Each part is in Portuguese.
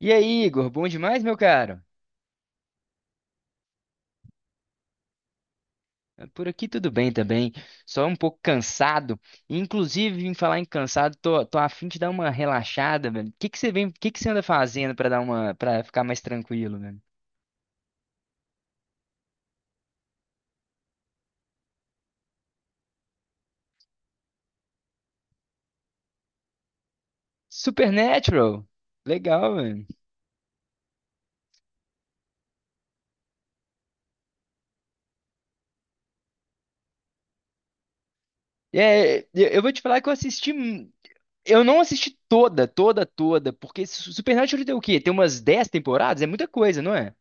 E aí, Igor, bom demais, meu caro? Por aqui tudo bem também, só um pouco cansado. Inclusive, em falar em cansado, tô a fim de dar uma relaxada, velho. O que que você vem, o que que você anda fazendo pra dar uma, para ficar mais tranquilo, velho? Supernatural. Legal, velho. É, eu vou te falar que eu assisti, eu não assisti toda, toda, toda, porque Supernatural tem o quê? Tem umas 10 temporadas? É muita coisa, não é?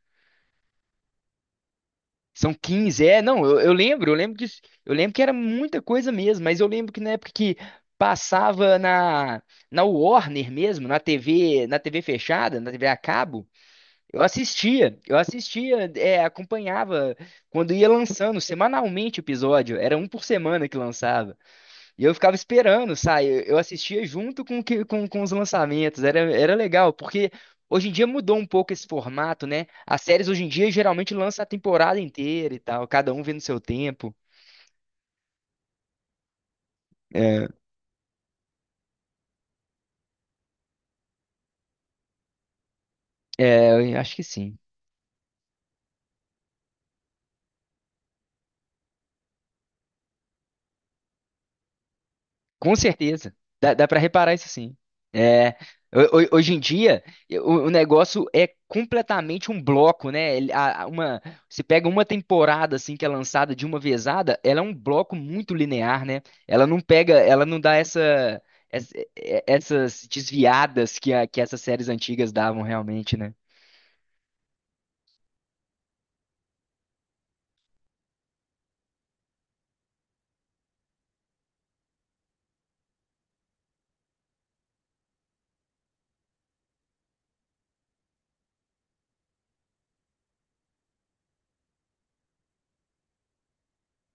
São 15 é, não, eu lembro que era muita coisa mesmo, mas eu lembro que na época que passava na na Warner mesmo, na TV, na TV fechada, na TV a cabo, eu assistia, é, acompanhava quando ia lançando semanalmente o episódio, era um por semana que lançava. E eu ficava esperando, sabe? Eu assistia junto com, com os lançamentos. Era, era legal, porque hoje em dia mudou um pouco esse formato, né? As séries hoje em dia geralmente lançam a temporada inteira e tal, cada um vendo seu tempo. É, é, eu acho que sim. Com certeza. Dá para reparar isso sim. É, hoje em dia, o negócio é completamente um bloco, né? Você pega uma temporada assim que é lançada de uma vezada, ela é um bloco muito linear, né? Ela não pega, ela não dá essa, essas desviadas que, que essas séries antigas davam realmente, né?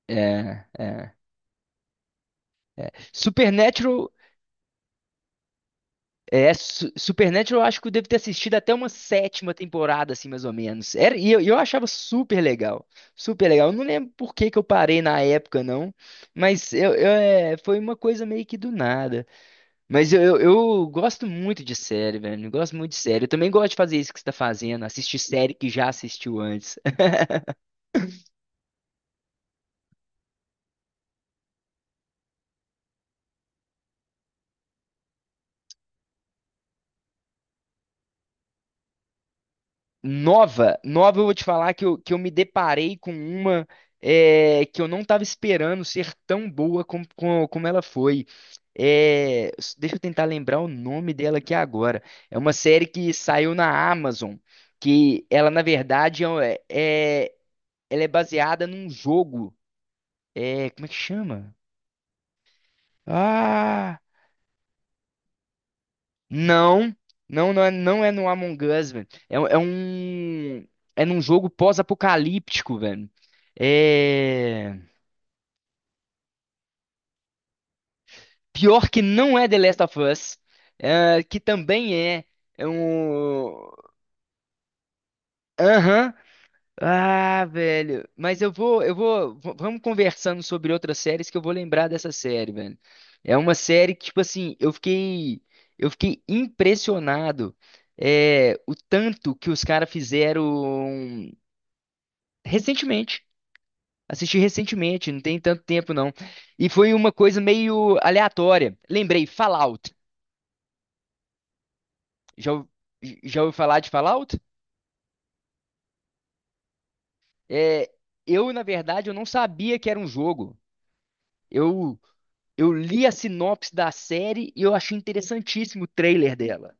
É, é. Supernatural. É, Supernatural eu acho que eu devo ter assistido até uma sétima temporada, assim, mais ou menos. Era, e eu achava super legal. Super legal. Eu não lembro por que que eu parei na época, não. Mas é, foi uma coisa meio que do nada. Mas eu gosto muito de série, velho. Eu gosto muito de série. Eu também gosto de fazer isso que você tá fazendo. Assistir série que já assistiu antes. Nova, nova, eu vou te falar que que eu me deparei com uma é, que eu não estava esperando ser tão boa como, como, como ela foi. É, deixa eu tentar lembrar o nome dela aqui agora. É uma série que saiu na Amazon, que ela, na verdade, é, ela é baseada num jogo. É, como é que chama? Ah! Não, não, não é, não é no Among Us, velho. É um. É num jogo pós-apocalíptico, velho. É. Pior que não é The Last of Us, é, que também é. É um. Aham. Ah, velho. Mas eu vou, eu vou. Vamos conversando sobre outras séries que eu vou lembrar dessa série, velho. É uma série que, tipo assim, eu fiquei. Eu fiquei impressionado. É, o tanto que os caras fizeram. Recentemente. Assisti recentemente, não tem tanto tempo não. E foi uma coisa meio aleatória. Lembrei, Fallout. Já, já ouviu falar de Fallout? É, eu, na verdade, eu não sabia que era um jogo. Eu, eu li a sinopse da série e eu achei interessantíssimo o trailer dela.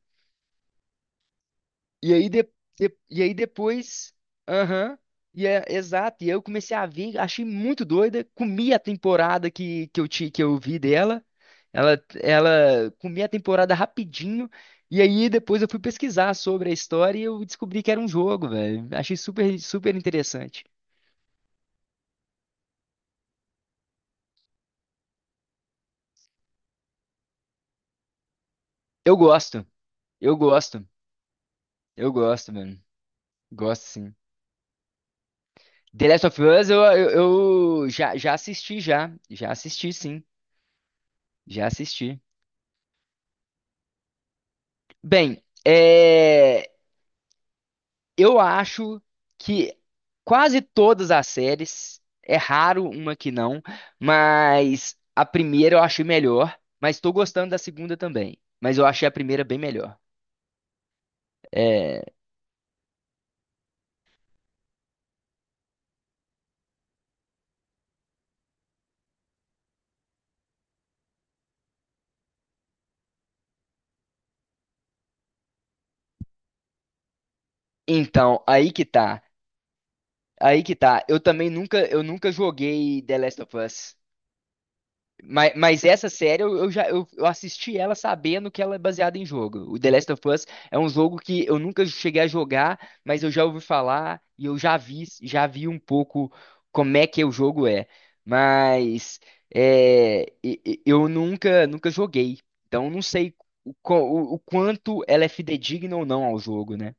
E aí, de, e aí depois, aham, e é, exato, e aí eu comecei a ver, achei muito doida, comi a temporada que, que eu vi dela, ela comi a temporada rapidinho, e aí depois eu fui pesquisar sobre a história e eu descobri que era um jogo, velho, achei super, super interessante. Eu gosto, eu gosto, eu gosto, mano, gosto sim. The Last of Us eu já, já assisti sim, já assisti. Bem, é... Eu acho que quase todas as séries, é raro uma que não, mas a primeira eu achei melhor, mas tô gostando da segunda também. Mas eu achei a primeira bem melhor. É, então, aí que tá. Aí que tá. Eu também nunca, eu nunca joguei The Last of Us. Mas essa série eu assisti ela sabendo que ela é baseada em jogo. O The Last of Us é um jogo que eu nunca cheguei a jogar, mas eu já ouvi falar e eu já vi um pouco como é que o jogo é. Mas é, eu nunca nunca joguei, então eu não sei o quanto ela é fidedigna ou não ao jogo, né?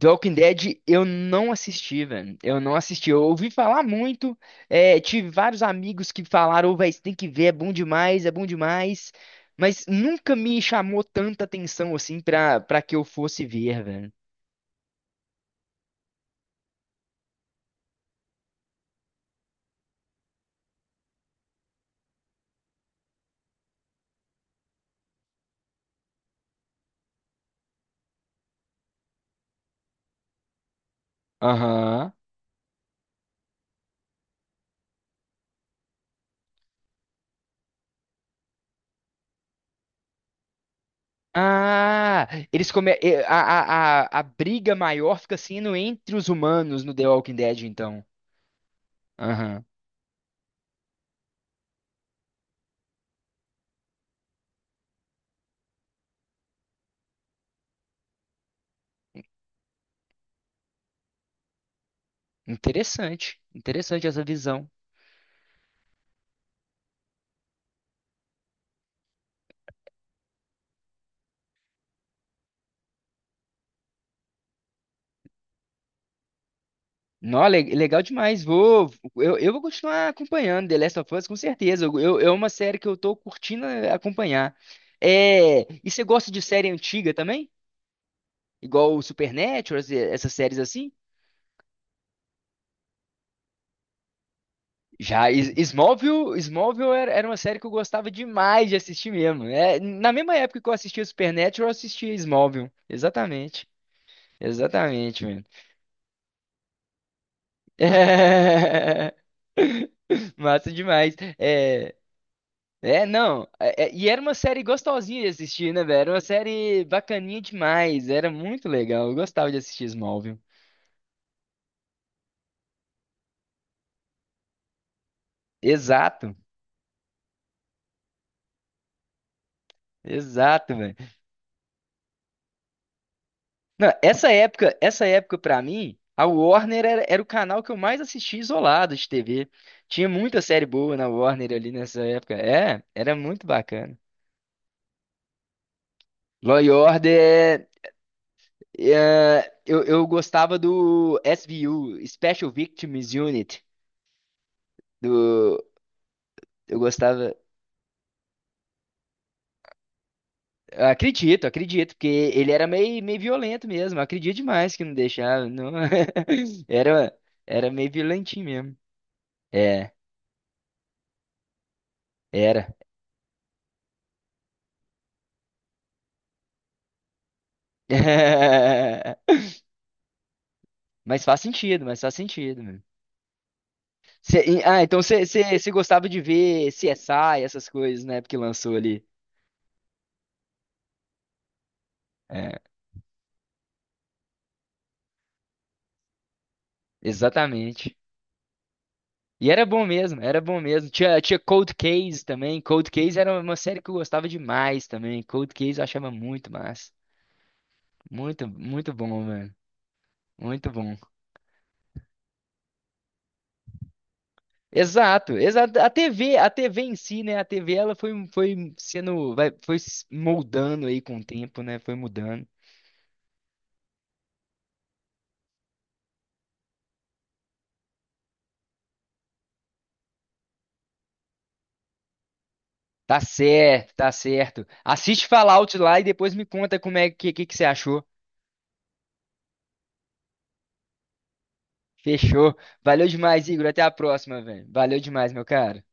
The Walking Dead eu não assisti, velho. Eu não assisti. Eu ouvi falar muito. É, tive vários amigos que falaram, "Ô, velho, você tem que ver, é bom demais, é bom demais." Mas nunca me chamou tanta atenção assim pra, pra que eu fosse ver, velho. Aham. Ah, eles come... eh, a briga maior fica sendo entre os humanos no The Walking Dead, então. Aham. Interessante. Interessante essa visão. Não, legal demais. Vou, eu vou continuar acompanhando The Last of Us, com certeza. É uma série que eu tô curtindo acompanhar. É, e você gosta de série antiga também? Igual o Supernatural, essas séries assim? Já, Smallville, Smallville era, era uma série que eu gostava demais de assistir mesmo. É, na mesma época que eu assistia Supernatural, eu assistia Smallville. Exatamente. Exatamente, mano. É... Massa demais. É, é, não. E era uma série gostosinha de assistir, né, velho? Era uma série bacaninha demais. Era muito legal. Eu gostava de assistir Smallville. Exato, exato, velho. Não, essa época pra mim, a Warner era, era o canal que eu mais assistia isolado de TV. Tinha muita série boa na Warner ali nessa época. É, era muito bacana. Law and Order, é, eu gostava do SVU, Special Victims Unit, do, eu gostava. Eu acredito, porque ele era meio, meio violento mesmo. Eu acredito demais que não deixava. Não... Era, era meio violentinho mesmo. É, era. Mas faz sentido, mano. Ah, então você gostava de ver CSI, essas coisas, né? Porque lançou ali. É, exatamente. E era bom mesmo, era bom mesmo. Tinha Cold Case também. Cold Case era uma série que eu gostava demais também. Cold Case eu achava muito massa. Muito, muito bom, mano. Muito bom. Exato, exato. A TV, a TV em si, né? A TV ela foi, foi sendo, vai, foi se moldando aí com o tempo, né? Foi mudando. Tá certo, tá certo. Assiste Fallout lá e depois me conta como é que você achou. Fechou. Valeu demais, Igor. Até a próxima, velho. Valeu demais, meu cara.